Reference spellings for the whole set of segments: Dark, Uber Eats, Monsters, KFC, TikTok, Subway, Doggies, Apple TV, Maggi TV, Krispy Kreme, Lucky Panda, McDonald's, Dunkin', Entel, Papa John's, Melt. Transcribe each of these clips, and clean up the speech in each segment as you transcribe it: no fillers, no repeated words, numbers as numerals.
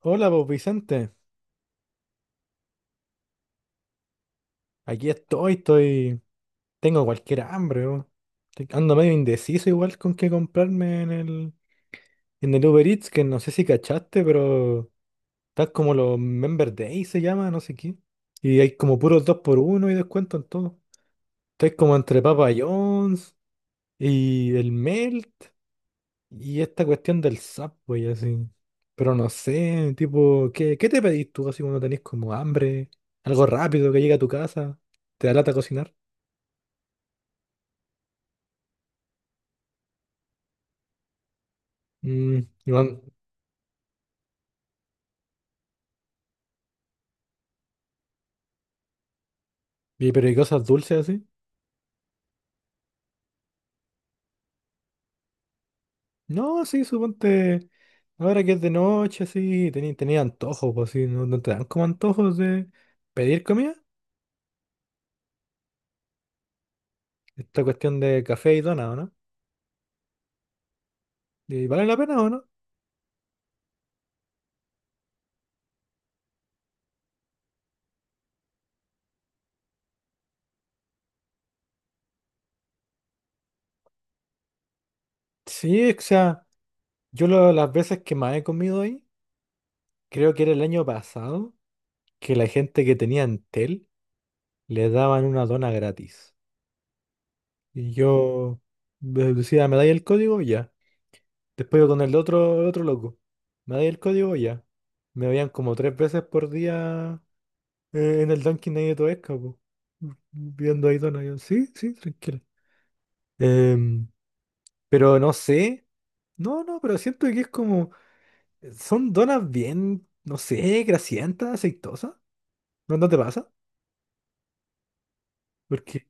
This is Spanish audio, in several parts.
Hola, pues Vicente. Aquí estoy. Tengo cualquier hambre, weón. Ando medio indeciso igual con qué comprarme en el Uber Eats, que no sé si cachaste, pero está como los Member Day se llama, no sé qué. Y hay como puros dos por uno y descuento en todo. Estoy como entre Papa John's y el Melt y esta cuestión del Subway, así. Pero no sé, tipo, ¿qué te pedís tú así cuando tenés como hambre? Algo rápido que llegue a tu casa. ¿Te da lata cocinar? Mm, y, van- pero ¿y cosas dulces así? No, sí, suponte. Ahora que es de noche, así, tenía antojos, pues sí, ¿no, no te dan como antojos de pedir comida? Esta cuestión de café y dona, ¿o no? ¿Y vale la pena o no? Sí, o sea, las veces que más he comido ahí, creo que era el año pasado, que la gente que tenía Entel le daban una dona gratis. Y yo decía, ¿me dais el código? Ya. Después iba con el otro loco. Me dais el código ya. Me veían como tres veces por día en el Dunkin' ahí de Toesca, po. Viendo ahí Dona. Yo, sí, sí, tranquilo. Em, pero no sé. No, no, pero siento que es como. Son donas bien, no sé, grasientas, aceitosas. ¿No, no te pasa? Porque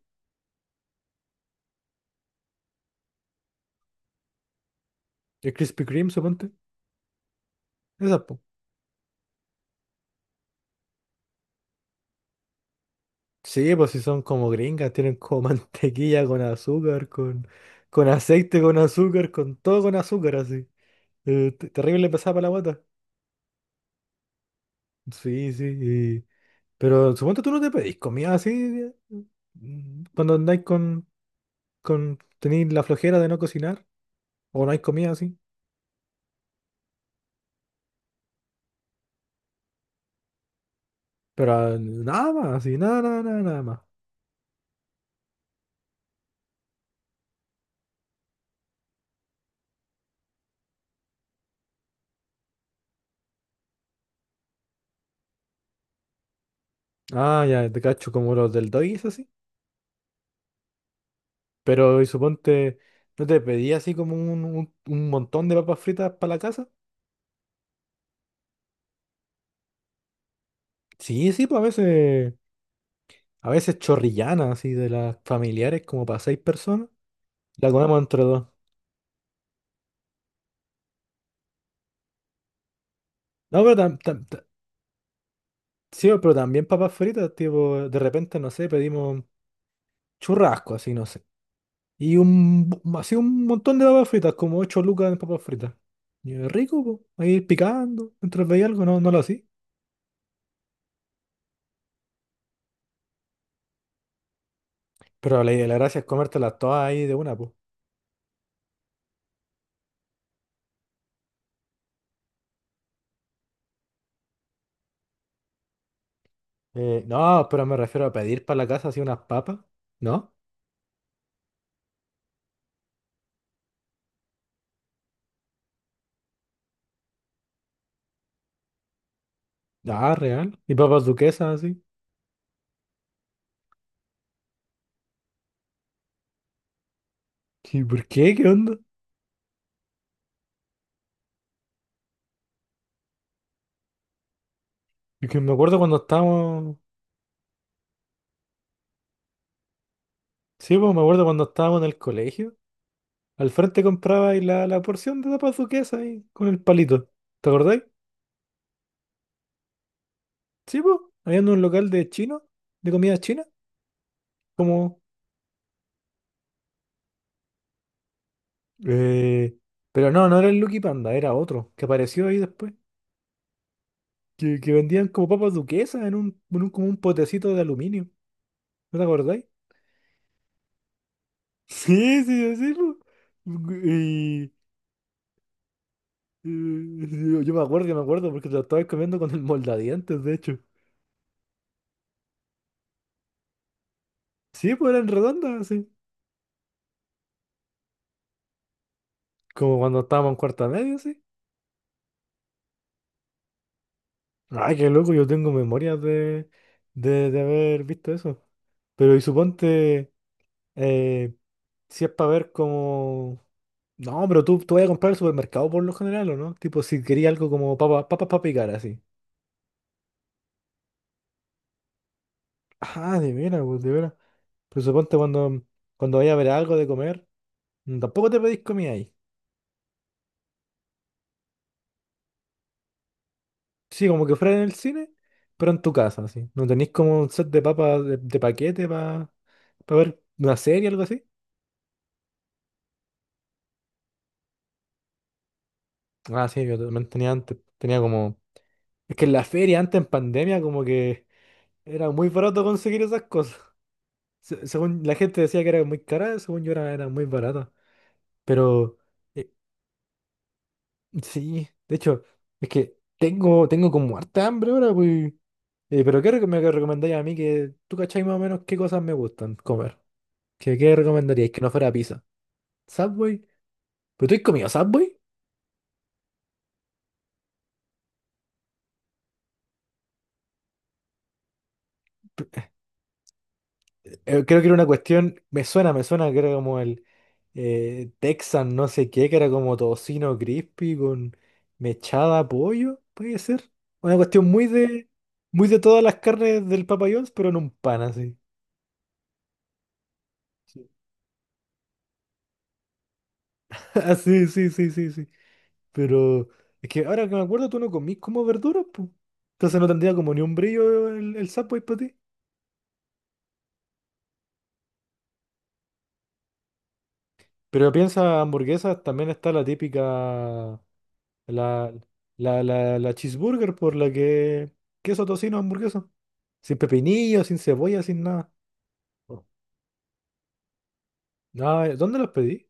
el Krispy Kreme, suponte. Esas, po. Sí, pues si son como gringas, tienen como mantequilla con azúcar, con aceite, con azúcar, con todo con azúcar, así. Terrible le pasaba para la guata. Sí, sí. Pero supongo tú no te pedís comida así cuando andáis con tenéis la flojera de no cocinar o no hay comida así. Pero ah, nada más, así, nada, nada, nada, nada más. Ah, ya, te cacho como los del Doggies así. Pero y suponte, ¿no te pedí así como un montón de papas fritas para la casa? Sí, sí, pues a veces chorrillanas así de las familiares como para seis personas. La comemos entre dos. No, pero también. Sí, pero también papas fritas, tipo, de repente, no sé, pedimos churrasco, así, no sé. Y así un montón de papas fritas, como 8 lucas en papas fritas. Y es rico, po, ahí picando, mientras veía algo, no, no lo hacía. Pero la gracia es comértelas todas ahí de una, po. No, pero me refiero a pedir para la casa así unas papas, ¿no? Ah, real. Y papas duquesas, así. ¿Y por qué? ¿Qué onda? Y que me acuerdo cuando estábamos… Sí, pues me acuerdo cuando estábamos en el colegio. Al frente comprabais la porción de papas duquesa ahí con el palito. ¿Te acordáis? Sí, pues. Había un local de chino, de comida china, como… eh, pero no, no era el Lucky Panda, era otro, que apareció ahí después. Que vendían como papas duquesas en como un potecito de aluminio. ¿No te acordáis? Sí, sí, sí, po. Y, yo me acuerdo, yo me acuerdo, porque te lo estabas comiendo con el moldadientes, de hecho. Sí, pues eran redondas, así. Como cuando estábamos en cuarta media, sí. Ay, qué loco, yo tengo memorias de, de haber visto eso. Pero y suponte, eh, si es para ver como… No, pero tú vas a comprar al supermercado por lo general, ¿o no? Tipo, si quería algo como papas papas para picar, así. Ah, de veras, pues, de veras. Pero suponte cuando, cuando vayas a ver algo de comer, tampoco te pedís comida ahí. Sí, como que fuera en el cine, pero en tu casa, así. ¿No tenéis como un set de papas de paquete para ver una serie o algo así? Ah, sí, yo también tenía antes. Tenía como… Es que en la feria antes en pandemia como que era muy barato conseguir esas cosas. Según la gente decía que era muy cara, según yo era muy barata. Pero eh, sí, de hecho, es que tengo como harta hambre ahora, pues. Pero ¿qué me recomendáis a mí que tú cacháis más o menos qué cosas me gustan comer? ¿Qué recomendaríais que no fuera pizza? ¿Subway? ¿Pero tú has comido Subway? Creo que era una cuestión, me suena que era como el Texan no sé qué, que era como tocino crispy con mechada pollo, puede ser. Una cuestión muy de todas las carnes del Papa John's, pero en un pan así. Sí. Ah, sí, sí, sí, sí, sí. Pero es que ahora que me acuerdo, tú no comís como verduras, pues. Entonces no tendría como ni un brillo el Subway para ti. Pero piensa hamburguesas, también está la típica. La, la cheeseburger por la que queso tocino hamburguesa. Sin pepinillo, sin cebolla, sin nada. Oh. Ah, ¿dónde las pedí?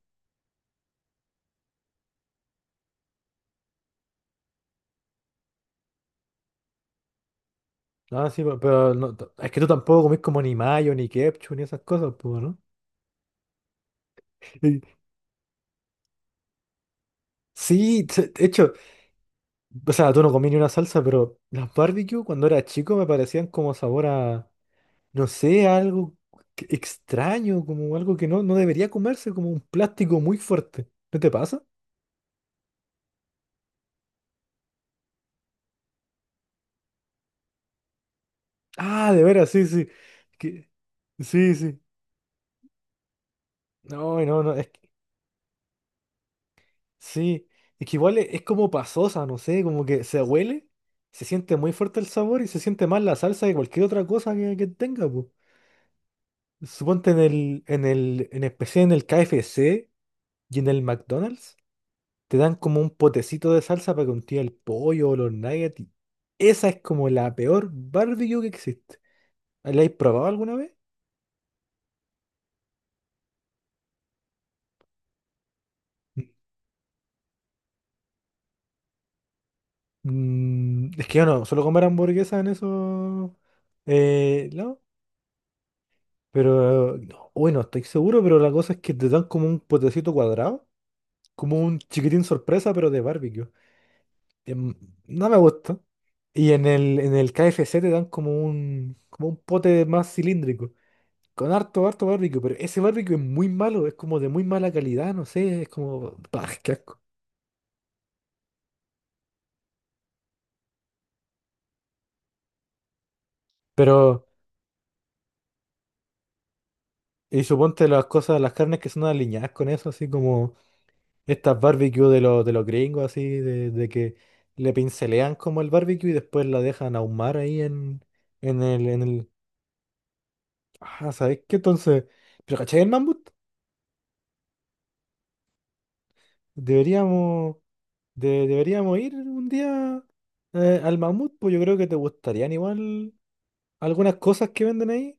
Ah, sí, pero no, es que tú tampoco comís como ni mayo, ni ketchup, ni esas cosas, pues, ¿no? Y- Sí, de hecho, o sea, tú no comí ni una salsa, pero las barbecue cuando era chico me parecían como sabor a, no sé, a algo extraño, como algo que no, no debería comerse, como un plástico muy fuerte. ¿No te pasa? Ah, de veras, sí, sí. Que- sí, sí. No, no, no, es que sí. Es que igual es como pasosa, no sé, como que se huele, se siente muy fuerte el sabor y se siente más la salsa que cualquier otra cosa que tenga, pues. Suponte en en especial en el KFC y en el McDonald's, te dan como un potecito de salsa para que untía el pollo o los nuggets. Esa es como la peor barbecue que existe. ¿La habéis probado alguna vez? Es que yo no, suelo comer hamburguesas en esos lados. Pero, no, uy, no estoy seguro, pero la cosa es que te dan como un potecito cuadrado, como un chiquitín sorpresa, pero de barbecue. Em, no me gusta. Y en el KFC te dan como como un pote más cilíndrico, con harto, harto barbecue, pero ese barbecue es muy malo, es como de muy mala calidad, no sé, es como, bah, qué asco. Pero, y suponte las cosas, las carnes que son alineadas con eso, así como estas barbecue de los gringos, así, de que le pincelean como el barbecue y después la dejan ahumar ahí en el... Ah, ¿sabes qué? Entonces, ¿pero cachai el mamut? Deberíamos, deberíamos ir un día al mamut, pues yo creo que te gustarían igual algunas cosas que venden ahí,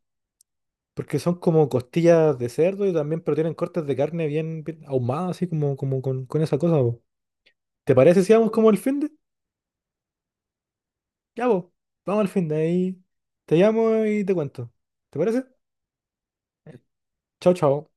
porque son como costillas de cerdo y también, pero tienen cortes de carne bien, bien ahumadas, así como, como con esa cosa, po. ¿Te parece si vamos como el fin? Ya vos, vamos al fin de ahí. Te llamo y te cuento. ¿Te parece? Chao, chao.